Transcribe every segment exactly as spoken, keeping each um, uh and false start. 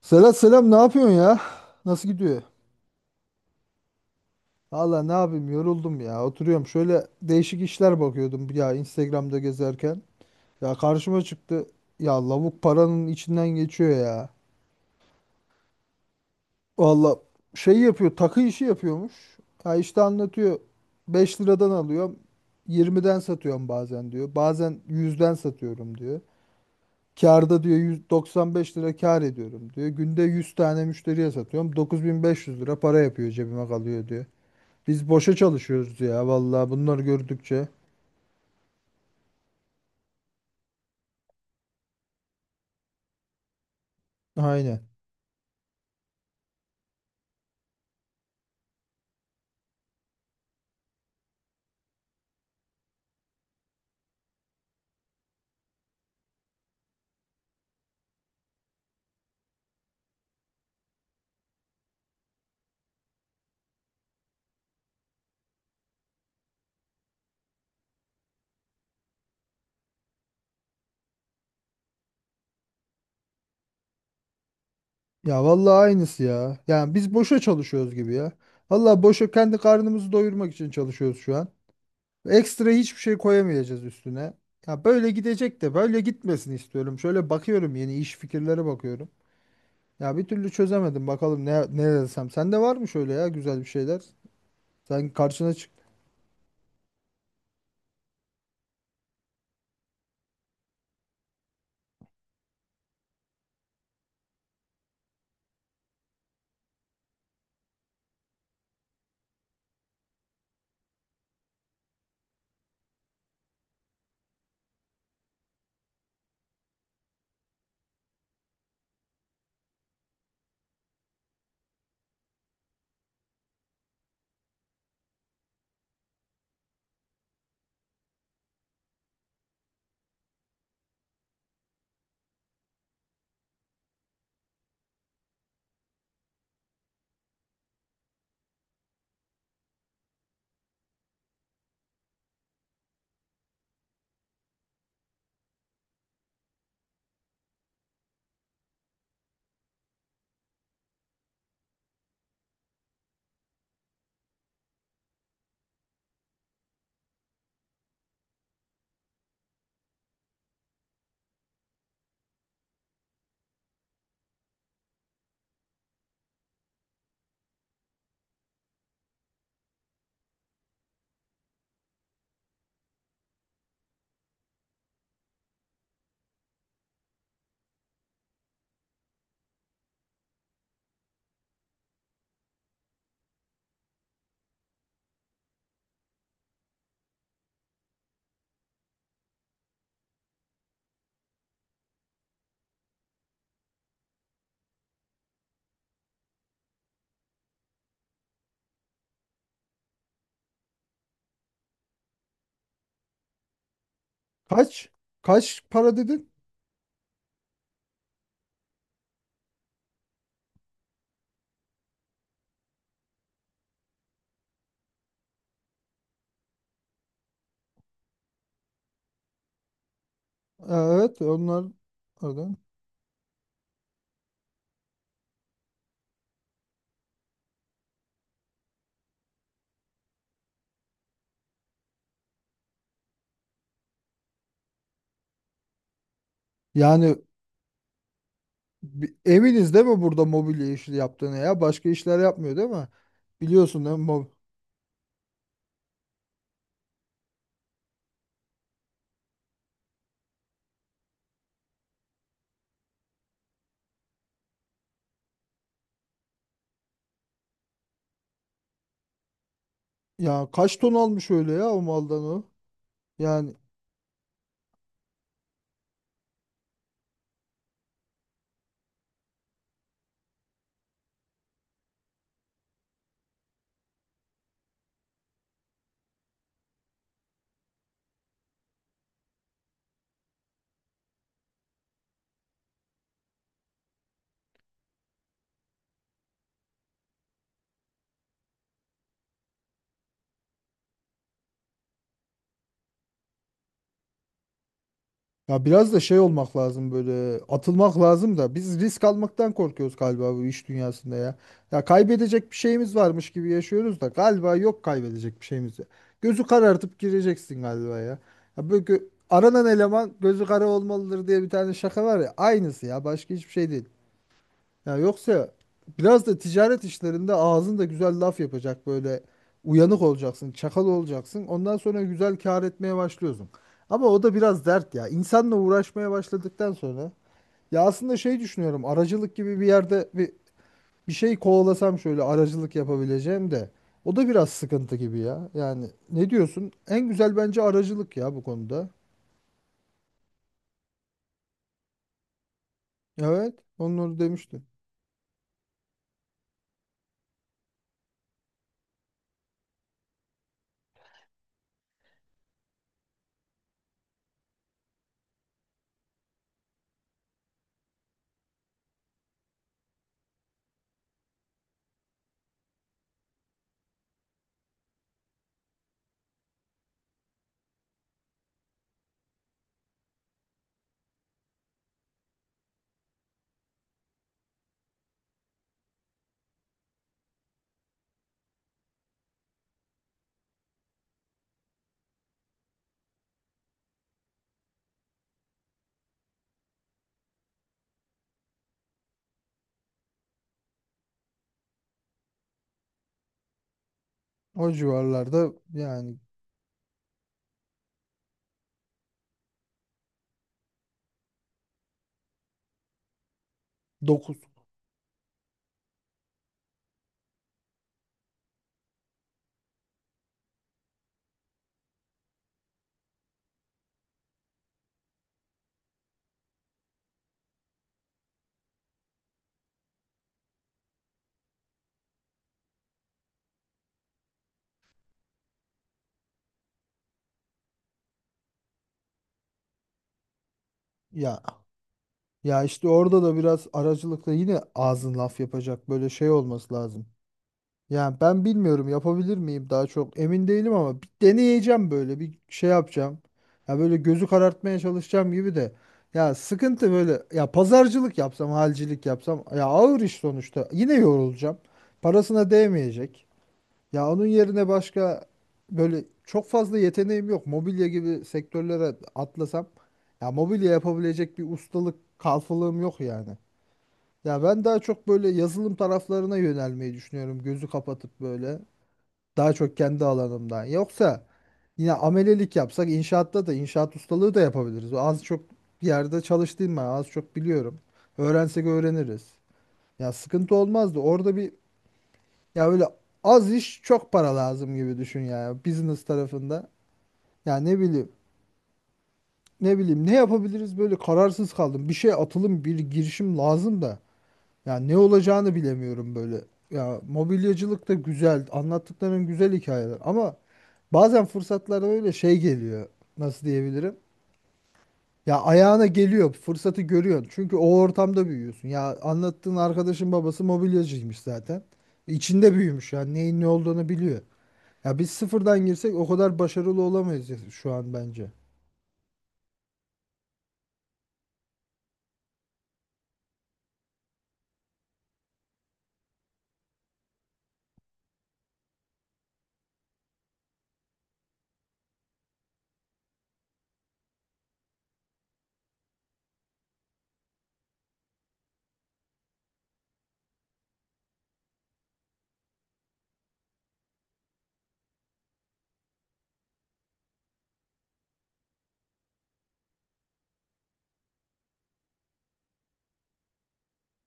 Selam selam, ne yapıyorsun ya? Nasıl gidiyor? Valla ne yapayım, yoruldum ya. Oturuyorum, şöyle değişik işler bakıyordum ya Instagram'da gezerken. Ya karşıma çıktı. Ya lavuk paranın içinden geçiyor ya. Valla şey yapıyor, takı işi yapıyormuş. Ya işte anlatıyor. Beş liradan alıyorum. Yirmiden satıyorum bazen diyor. Bazen yüzden satıyorum diyor. Kârda diyor, yüz doksan beş lira kâr ediyorum diyor. Günde yüz tane müşteriye satıyorum. dokuz bin beş yüz lira para yapıyor, cebime kalıyor diyor. Biz boşa çalışıyoruz ya vallahi, bunları gördükçe. Aynen. Ya vallahi aynısı ya. Yani biz boşa çalışıyoruz gibi ya. Vallahi boşa kendi karnımızı doyurmak için çalışıyoruz şu an. Ekstra hiçbir şey koyamayacağız üstüne. Ya böyle gidecek de böyle gitmesini istiyorum. Şöyle bakıyorum, yeni iş fikirlere bakıyorum. Ya bir türlü çözemedim, bakalım ne, ne desem. Sende var mı şöyle ya güzel bir şeyler? Sen karşına çık. Kaç? Kaç para dedin? Ha, evet, onlar. Orada. Yani. Bi- Eminiz değil mi burada mobilya işi yaptığını ya? Başka işler yapmıyor değil mi? Biliyorsun değil mi? mob- Ya kaç ton almış öyle ya o maldan o? Yani ya biraz da şey olmak lazım, böyle atılmak lazım da biz risk almaktan korkuyoruz galiba bu iş dünyasında ya. Ya kaybedecek bir şeyimiz varmış gibi yaşıyoruz da galiba yok kaybedecek bir şeyimiz ya. Gözü karartıp gireceksin galiba ya. Ya böyle gö- aranan eleman gözü kara olmalıdır diye bir tane şaka var ya, aynısı ya, başka hiçbir şey değil. Ya yoksa biraz da ticaret işlerinde ağzında güzel laf yapacak, böyle uyanık olacaksın, çakal olacaksın. Ondan sonra güzel kâr etmeye başlıyorsun. Ama o da biraz dert ya. İnsanla uğraşmaya başladıktan sonra, ya aslında şey düşünüyorum. Aracılık gibi bir yerde bir, bir şey kovalasam, şöyle aracılık yapabileceğim de o da biraz sıkıntı gibi ya. Yani ne diyorsun? En güzel bence aracılık ya bu konuda. Evet, onları demiştim. O civarlarda yani. Dokuz. Ya ya işte orada da biraz aracılıkla yine ağzın laf yapacak, böyle şey olması lazım. Yani ben bilmiyorum yapabilir miyim, daha çok emin değilim ama bir deneyeceğim, böyle bir şey yapacağım. Ya böyle gözü karartmaya çalışacağım gibi de. Ya sıkıntı böyle ya, pazarcılık yapsam halcilik yapsam ya ağır iş sonuçta, yine yorulacağım. Parasına değmeyecek. Ya onun yerine başka böyle çok fazla yeteneğim yok. Mobilya gibi sektörlere atlasam, ya mobilya yapabilecek bir ustalık kalfalığım yok yani. Ya ben daha çok böyle yazılım taraflarına yönelmeyi düşünüyorum. Gözü kapatıp böyle, daha çok kendi alanımdan. Yoksa yine amelelik yapsak inşaatta da, inşaat ustalığı da yapabiliriz. Az çok bir yerde çalıştığım, ben az çok biliyorum. Öğrensek öğreniriz. Ya sıkıntı olmazdı. Orada bir, ya öyle az iş çok para lazım gibi düşün ya, business tarafında. Ya ne bileyim, ne bileyim ne yapabiliriz, böyle kararsız kaldım. Bir şey, atılım bir girişim lazım da. Ya ne olacağını bilemiyorum böyle. Ya mobilyacılık da güzel, anlattıkların güzel hikayeler ama bazen fırsatlar öyle şey geliyor, nasıl diyebilirim. Ya ayağına geliyor, fırsatı görüyorsun çünkü o ortamda büyüyorsun. Ya anlattığın arkadaşın babası mobilyacıymış zaten. İçinde büyümüş, yani neyin ne olduğunu biliyor. Ya biz sıfırdan girsek o kadar başarılı olamayız ya şu an bence.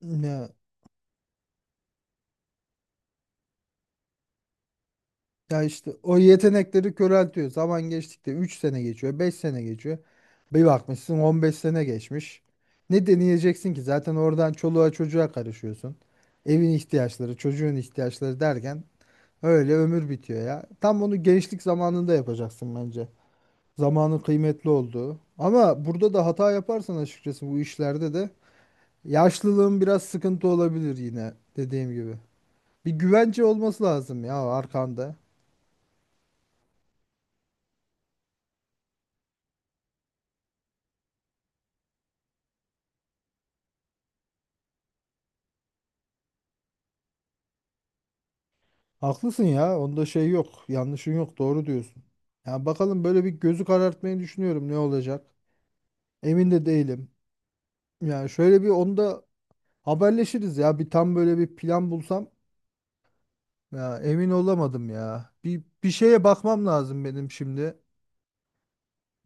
Ya, ya işte o yetenekleri köreltiyor. Zaman geçtikçe üç sene geçiyor, beş sene geçiyor. Bir bakmışsın on beş sene geçmiş. Ne deneyeceksin ki? Zaten oradan çoluğa çocuğa karışıyorsun. Evin ihtiyaçları, çocuğun ihtiyaçları derken öyle ömür bitiyor ya. Tam onu gençlik zamanında yapacaksın bence. Zamanın kıymetli olduğu. Ama burada da hata yaparsan, açıkçası bu işlerde de yaşlılığın biraz sıkıntı olabilir, yine dediğim gibi. Bir güvence olması lazım ya arkanda. Haklısın ya, onda şey yok, yanlışın yok, doğru diyorsun. Ya bakalım, böyle bir gözü karartmayı düşünüyorum, ne olacak. Emin de değilim. Yani şöyle bir, onda haberleşiriz ya, bir tam böyle bir plan bulsam. Ya emin olamadım ya. Bir, bir şeye bakmam lazım benim şimdi.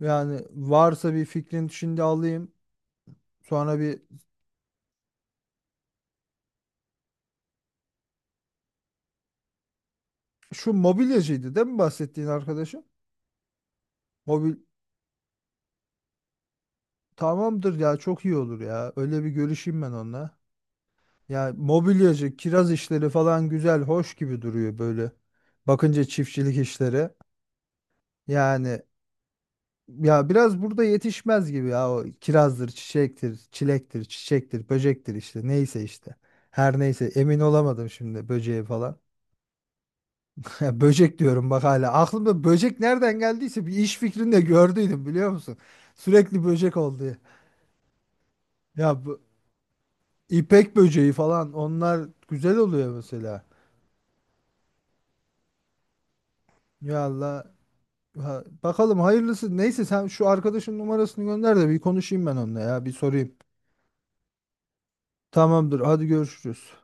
Yani varsa bir fikrin şimdi alayım. Sonra bir. Şu mobilyacıydı değil mi bahsettiğin arkadaşım? Mobil Tamamdır ya, çok iyi olur ya. Öyle bir görüşeyim ben onunla. Ya mobilyacı, kiraz işleri falan güzel, hoş gibi duruyor böyle. Bakınca çiftçilik işleri. Yani ya biraz burada yetişmez gibi ya, o kirazdır, çiçektir, çilektir, çiçektir, böcektir, işte neyse işte. Her neyse, emin olamadım şimdi böceğe falan. Ya böcek diyorum bak hala. Aklımda böcek nereden geldiyse, bir iş fikrinde de gördüydüm, biliyor musun? Sürekli böcek oldu. Ya, Ya bu- İpek böceği falan onlar güzel oluyor mesela. Ya Allah, ha- bakalım hayırlısı. Neyse, sen şu arkadaşın numarasını gönder de bir konuşayım ben onunla ya, bir sorayım. Tamamdır, hadi görüşürüz.